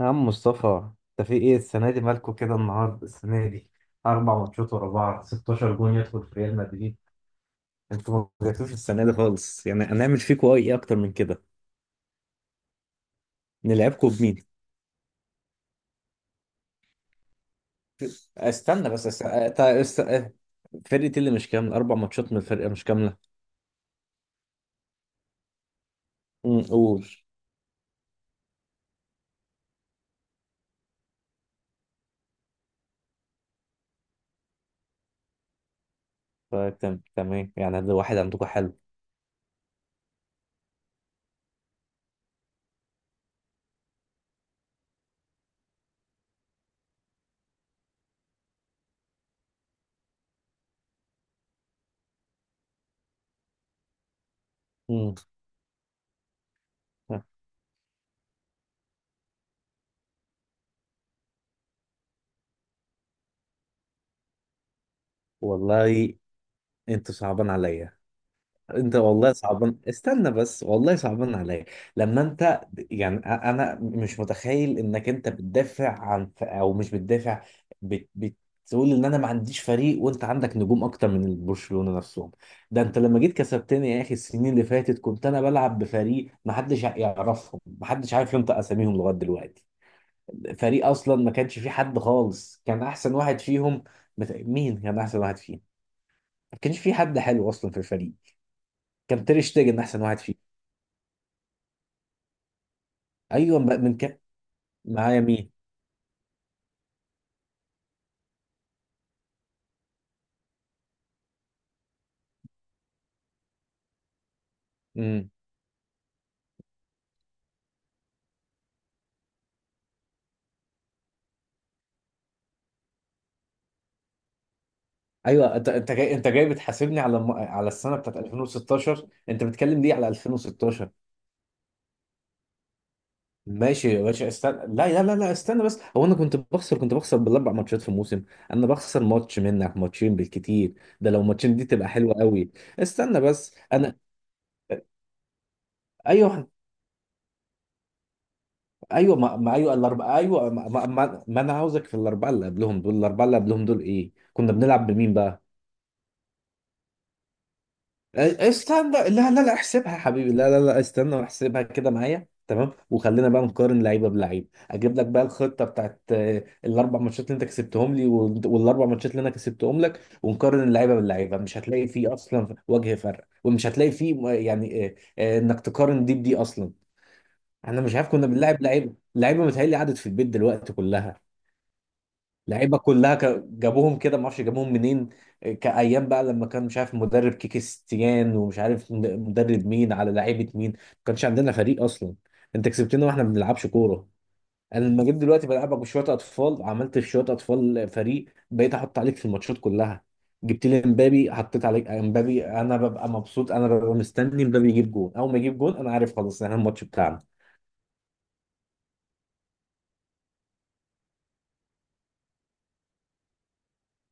يا عم مصطفى، انت في ايه السنه دي؟ مالكوا كده النهارده؟ السنه دي اربع ماتشات ورا بعض، 16 جون يدخل في ريال مدريد. انتوا ما جاتوش السنه دي خالص، يعني هنعمل فيكوا ايه اكتر من كده؟ نلعبكوا بمين؟ استنى بس است... أت- است... أه، فرقتي اللي مش كامله، اربع ماتشات من الفرقه مش كامله. قول. فتم تمام، يعني ده واحد عندكوا حلو. امم، والله انتوا صعبان عليا. انت والله صعبان، استنى بس، والله صعبان عليا لما انت، يعني انا مش متخيل انك انت بتدافع عن او مش بتدافع، بتقول ان انا ما عنديش فريق، وانت عندك نجوم اكتر من برشلونة نفسهم. ده انت لما جيت كسبتني يا اخي، السنين اللي فاتت كنت انا بلعب بفريق ما حدش يعرفهم، ما حدش عارف ينطق اساميهم لغاية دلوقتي. فريق اصلا ما كانش فيه حد خالص، كان احسن واحد فيهم، مين كان احسن واحد فيهم؟ ما كانش فيه حد حلو اصلا في الفريق. كان تير شتيجن احسن واحد فيه. ايوه، بقى من كام؟ معايا مين؟ امم ايوه، انت جاي، بتحاسبني على على السنه بتاعت 2016. انت بتتكلم ليه على 2016؟ ماشي يا باشا، استنى، لا لا لا لا، استنى بس، هو انا كنت بخسر، بالاربع ماتشات في الموسم؟ انا بخسر ماتش منك، ماتشين بالكتير. ده لو ماتشين دي تبقى حلوه قوي. استنى بس، انا ايوه. ايوه، ما, ما ايوه الاربعه، ايوه ما انا عاوزك في الاربعه اللي قبلهم دول، الاربعه اللي قبلهم دول ايه؟ كنا بنلعب بمين بقى؟ استنى، لا لا لا احسبها يا حبيبي، لا لا لا استنى واحسبها كده معايا تمام، وخلينا بقى نقارن لعيبه بلعيب، اجيب لك بقى الخطه بتاعت الاربع ماتشات اللي انت كسبتهم لي، والاربع ماتشات اللي انا كسبتهم لك، ونقارن اللعيبه باللعيبه. مش هتلاقي فيه اصلا وجه فرق، ومش هتلاقي فيه انك تقارن دي بدي اصلا. احنا مش عارف كنا بنلعب لعيبه لعيبه، متهيألي قعدت في البيت دلوقتي كلها. لعيبه كلها جابوهم كده، ما اعرفش جابوهم منين. كايام بقى لما كان مش عارف مدرب كيكي ستيان، ومش عارف مدرب مين على لعيبه مين، ما كانش عندنا فريق اصلا. انت كسبتنا واحنا ما بنلعبش كوره. انا لما جيت دلوقتي بلعبك بشويه اطفال، عملت في شويه اطفال فريق، بقيت احط عليك في الماتشات كلها. جبت لي امبابي، حطيت عليك امبابي، انا ببقى مبسوط، انا ببقى مستني امبابي يجيب جون، اول ما يجيب جون انا عارف خلاص احنا الماتش بتاعنا.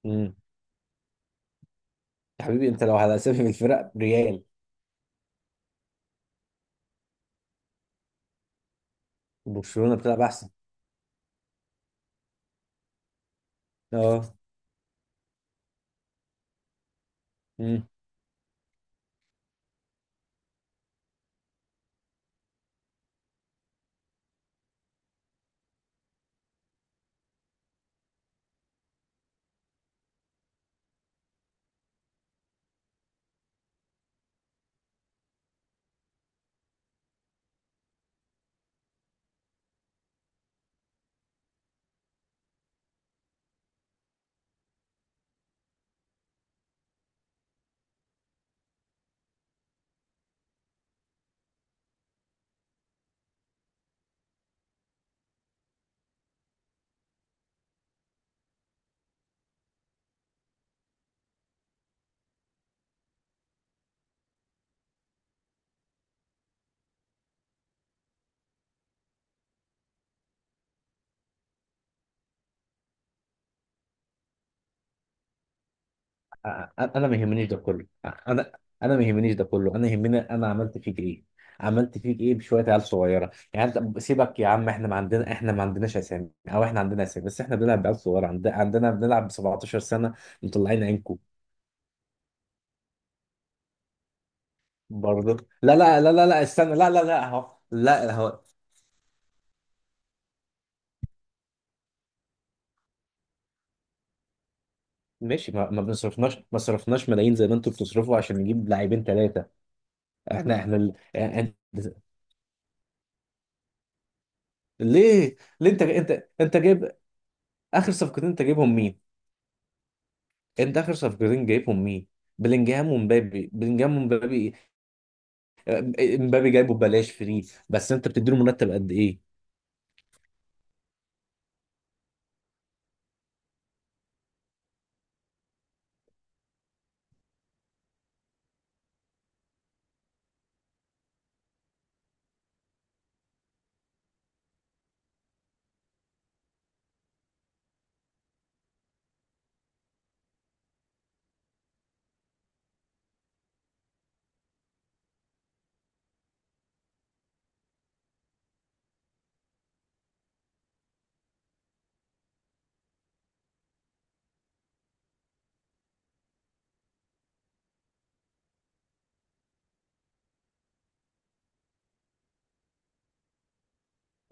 امم يا حبيبي، انت لو على اسامي الفرق، ريال وبرشلونه بتلعب احسن. اه. أ- انا ما يهمنيش ده كله، انا انا ما يهمنيش ده كله، انا يهمني انا عملت فيك ايه. عملت فيك ايه بشويه عيال صغيره؟ يعني أنت سيبك يا عم، احنا ما عندناش اسامي، او احنا عندنا اسامي بس احنا بنلعب بعيال صغيره، عندنا بنلعب ب 17 سنه، مطلعين عينكم. برضه، لا لا لا لا لا استنى، لا لا لا، اهو، لا اهو. ماشي، ما ما بنصرفناش، ما صرفناش ملايين زي ما انتوا بتصرفوا عشان نجيب لاعبين ثلاثه. احنا ليه؟ انت، انت جايب اخر صفقتين، انت جايبهم. انت اخر صفقتين جايبهم مين؟ بلينجهام ومبابي، بلينجهام ومبابي. آه، مبابي جايبه ببلاش فري، بس انت بتديله مرتب قد ايه؟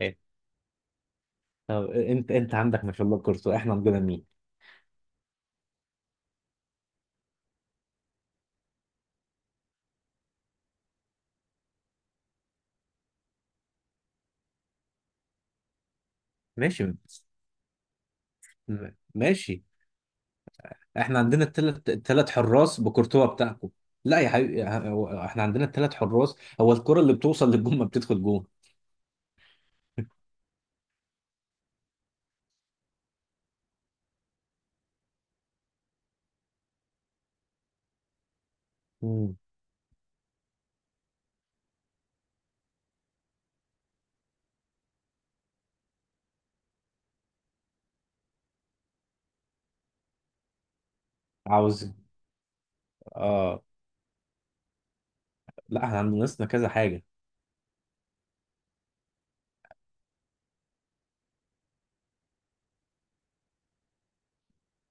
إيه؟ طب انت عندك ما شاء الله كورتوا، احنا عندنا مين؟ ماشي ماشي، احنا عندنا الثلاث حراس بكورتوا بتاعكم. لا يا حبيبي، احنا عندنا الثلاث حراس. هو الكرة اللي بتوصل للجون ما بتدخل جون. مم. عاوز. اه. لا احنا عندنا ناقصنا كذا حاجة.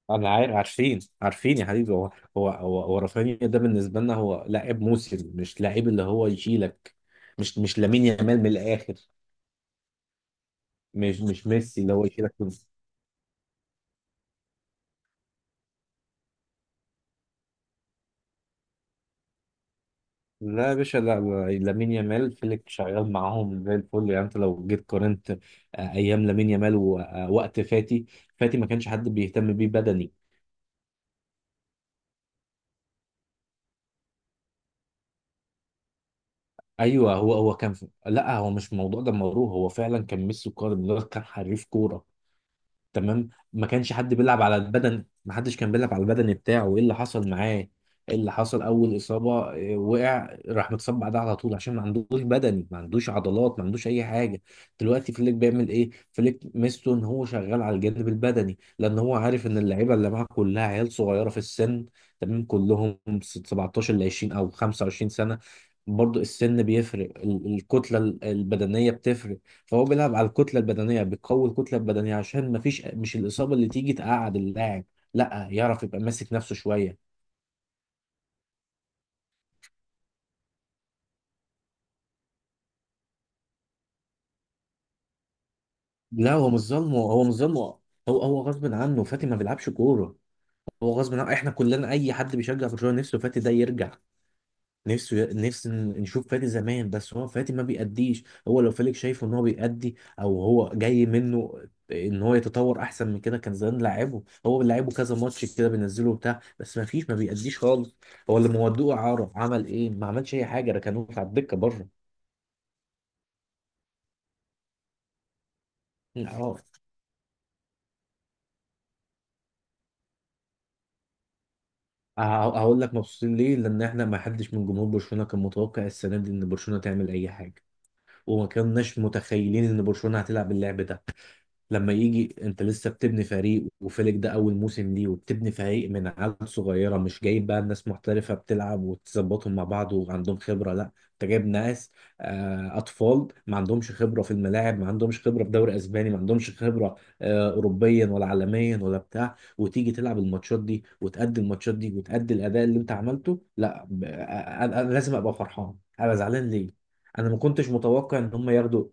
انا عارف، عارفين عارفين يا حبيبي. هو هو رافينيا ده بالنسبه لنا هو لاعب موسم، مش لاعب اللي هو يشيلك، مش لامين يامال من الاخر، مش ميسي اللي هو يشيلك لا يا باشا، لا لا، لامين يامال فيليك شغال معاهم زي الفل. يعني انت لو جيت قارنت ايام لامين يامال ووقت فاتي، فاتي ما كانش حد بيهتم بيه بدني. ايوه، هو كان لا هو مش الموضوع ده مروه، هو فعلا كان ميسي قادر، ده كان حريف كوره. تمام، ما كانش حد بيلعب على البدن، ما حدش كان بيلعب على البدن بتاعه. ايه اللي حصل معاه؟ ايه اللي حصل؟ اول اصابه وقع، راح متصاب بعدها على طول عشان ما عندوش بدني، ما عندوش عضلات، ما عندوش اي حاجه. دلوقتي فليك بيعمل ايه؟ فليك ميزته ان هو شغال على الجانب البدني، لان هو عارف ان اللعيبه اللي معاه كلها عيال صغيره في السن. تمام، كلهم 17 ل 20 او 25 سنه. برضو السن بيفرق، الكتله البدنيه بتفرق. فهو بيلعب على الكتله البدنيه، بيقوي الكتله البدنيه عشان ما فيش، مش الاصابه اللي تيجي تقعد اللاعب، لا يعرف يبقى ماسك نفسه شويه. لا هو مش ظالمه، هو مش ظالمه، هو غصب عنه، فاتي ما بيلعبش كوره. هو غصب عنه، احنا كلنا اي حد بيشجع برشلونه نفسه فاتي ده يرجع، نفسه، نفسي نشوف فادي زمان، بس هو فادي ما بيأديش. هو لو فيليك شايفه ان هو بيأدي، او هو جاي منه ان هو يتطور احسن من كده، كان زمان لاعبه، هو لاعبه كذا ماتش كده بينزله بتاع، بس ما فيش، ما بيأديش خالص. هو اللي مودوه اعاره، عمل ايه؟ ما عملش اي حاجه، ركنوه على الدكه بره. اه. ه- هقول لك مبسوطين ليه؟ لان احنا ما حدش من جمهور برشلونه كان متوقع السنه دي ان برشلونه تعمل اي حاجه، وما كناش متخيلين ان برشلونه هتلعب اللعب ده. لما يجي انت لسه بتبني فريق، وفيلك ده اول موسم ليه، وبتبني فريق من عيال صغيره، مش جايب بقى ناس محترفه بتلعب وتظبطهم مع بعض وعندهم خبره، لا انت جايب ناس اطفال، ما عندهمش خبره في الملاعب، ما عندهمش خبره في دوري اسباني، ما عندهمش خبره اوروبيا ولا عالميا ولا بتاع، وتيجي تلعب الماتشات دي وتأدي الماتشات دي وتأدي الاداء اللي انت عملته، لا أنا لازم ابقى فرحان. انا زعلان ليه؟ انا ما كنتش متوقع ان هم ياخدوا.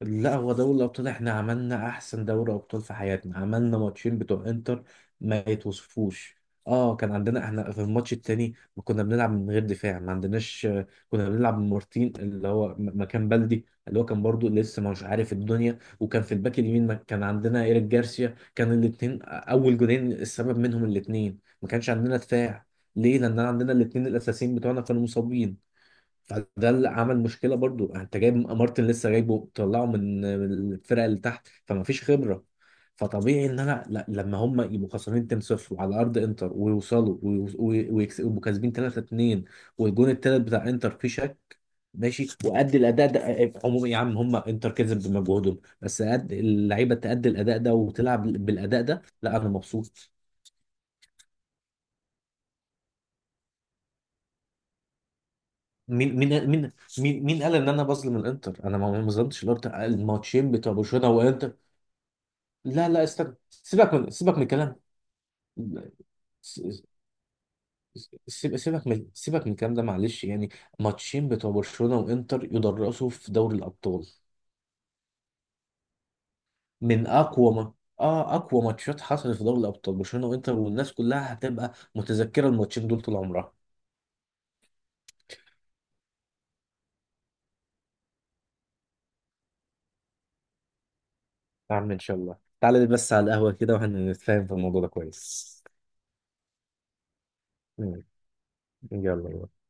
لا هو دوري الأبطال احنا عملنا أحسن دوري أبطال في حياتنا، عملنا ماتشين بتوع إنتر ما يتوصفوش. اه، كان عندنا احنا في الماتش التاني ما كنا بنلعب من غير دفاع، ما عندناش، كنا بنلعب من مارتين اللي هو مكان بلدي، اللي هو كان برضو لسه ما مش عارف الدنيا، وكان في الباك اليمين كان عندنا إيريك جارسيا، كان الاتنين أول جولين السبب منهم الاتنين، ما كانش عندنا دفاع. ليه؟ لأن عندنا الاتنين الأساسيين بتوعنا كانوا مصابين. فده اللي عمل مشكله، برضو انت جايب مارتن لسه جايبه، طلعه من الفرقه اللي تحت، فما فيش خبره. فطبيعي ان انا، لا لما هم يبقوا خسرانين 2-0 على ارض انتر ويوصلوا، ويبقوا كاسبين 3-2، والجون التالت بتاع انتر فيه شك. ماشي، وأدي الاداء ده، عموما يا عم، هم انتر كسب بمجهودهم، بس أدي اللعيبه تأدي الاداء ده وتلعب بالاداء ده، لا انا مبسوط. مين مين مين؟ مين قال ان انا بظلم الانتر؟ انا ما ظلمتش الانتر، الماتشين بتوع برشلونه وانتر. لا لا استنى، سيبك من الكلام، س- سيبك من الكلام ده، معلش يعني. ماتشين بتوع برشلونة وانتر يدرسوا في دوري الابطال، من اقوى ما، اه اقوى ماتشات حصلت في دوري الابطال. برشلونة وانتر، والناس كلها هتبقى متذكرة الماتشين دول طول عمرها. يا عم ان شاء الله تعالى، بس على القهوة كده واحنا نتفاهم في الموضوع ده كويس. مم. يلا بقى.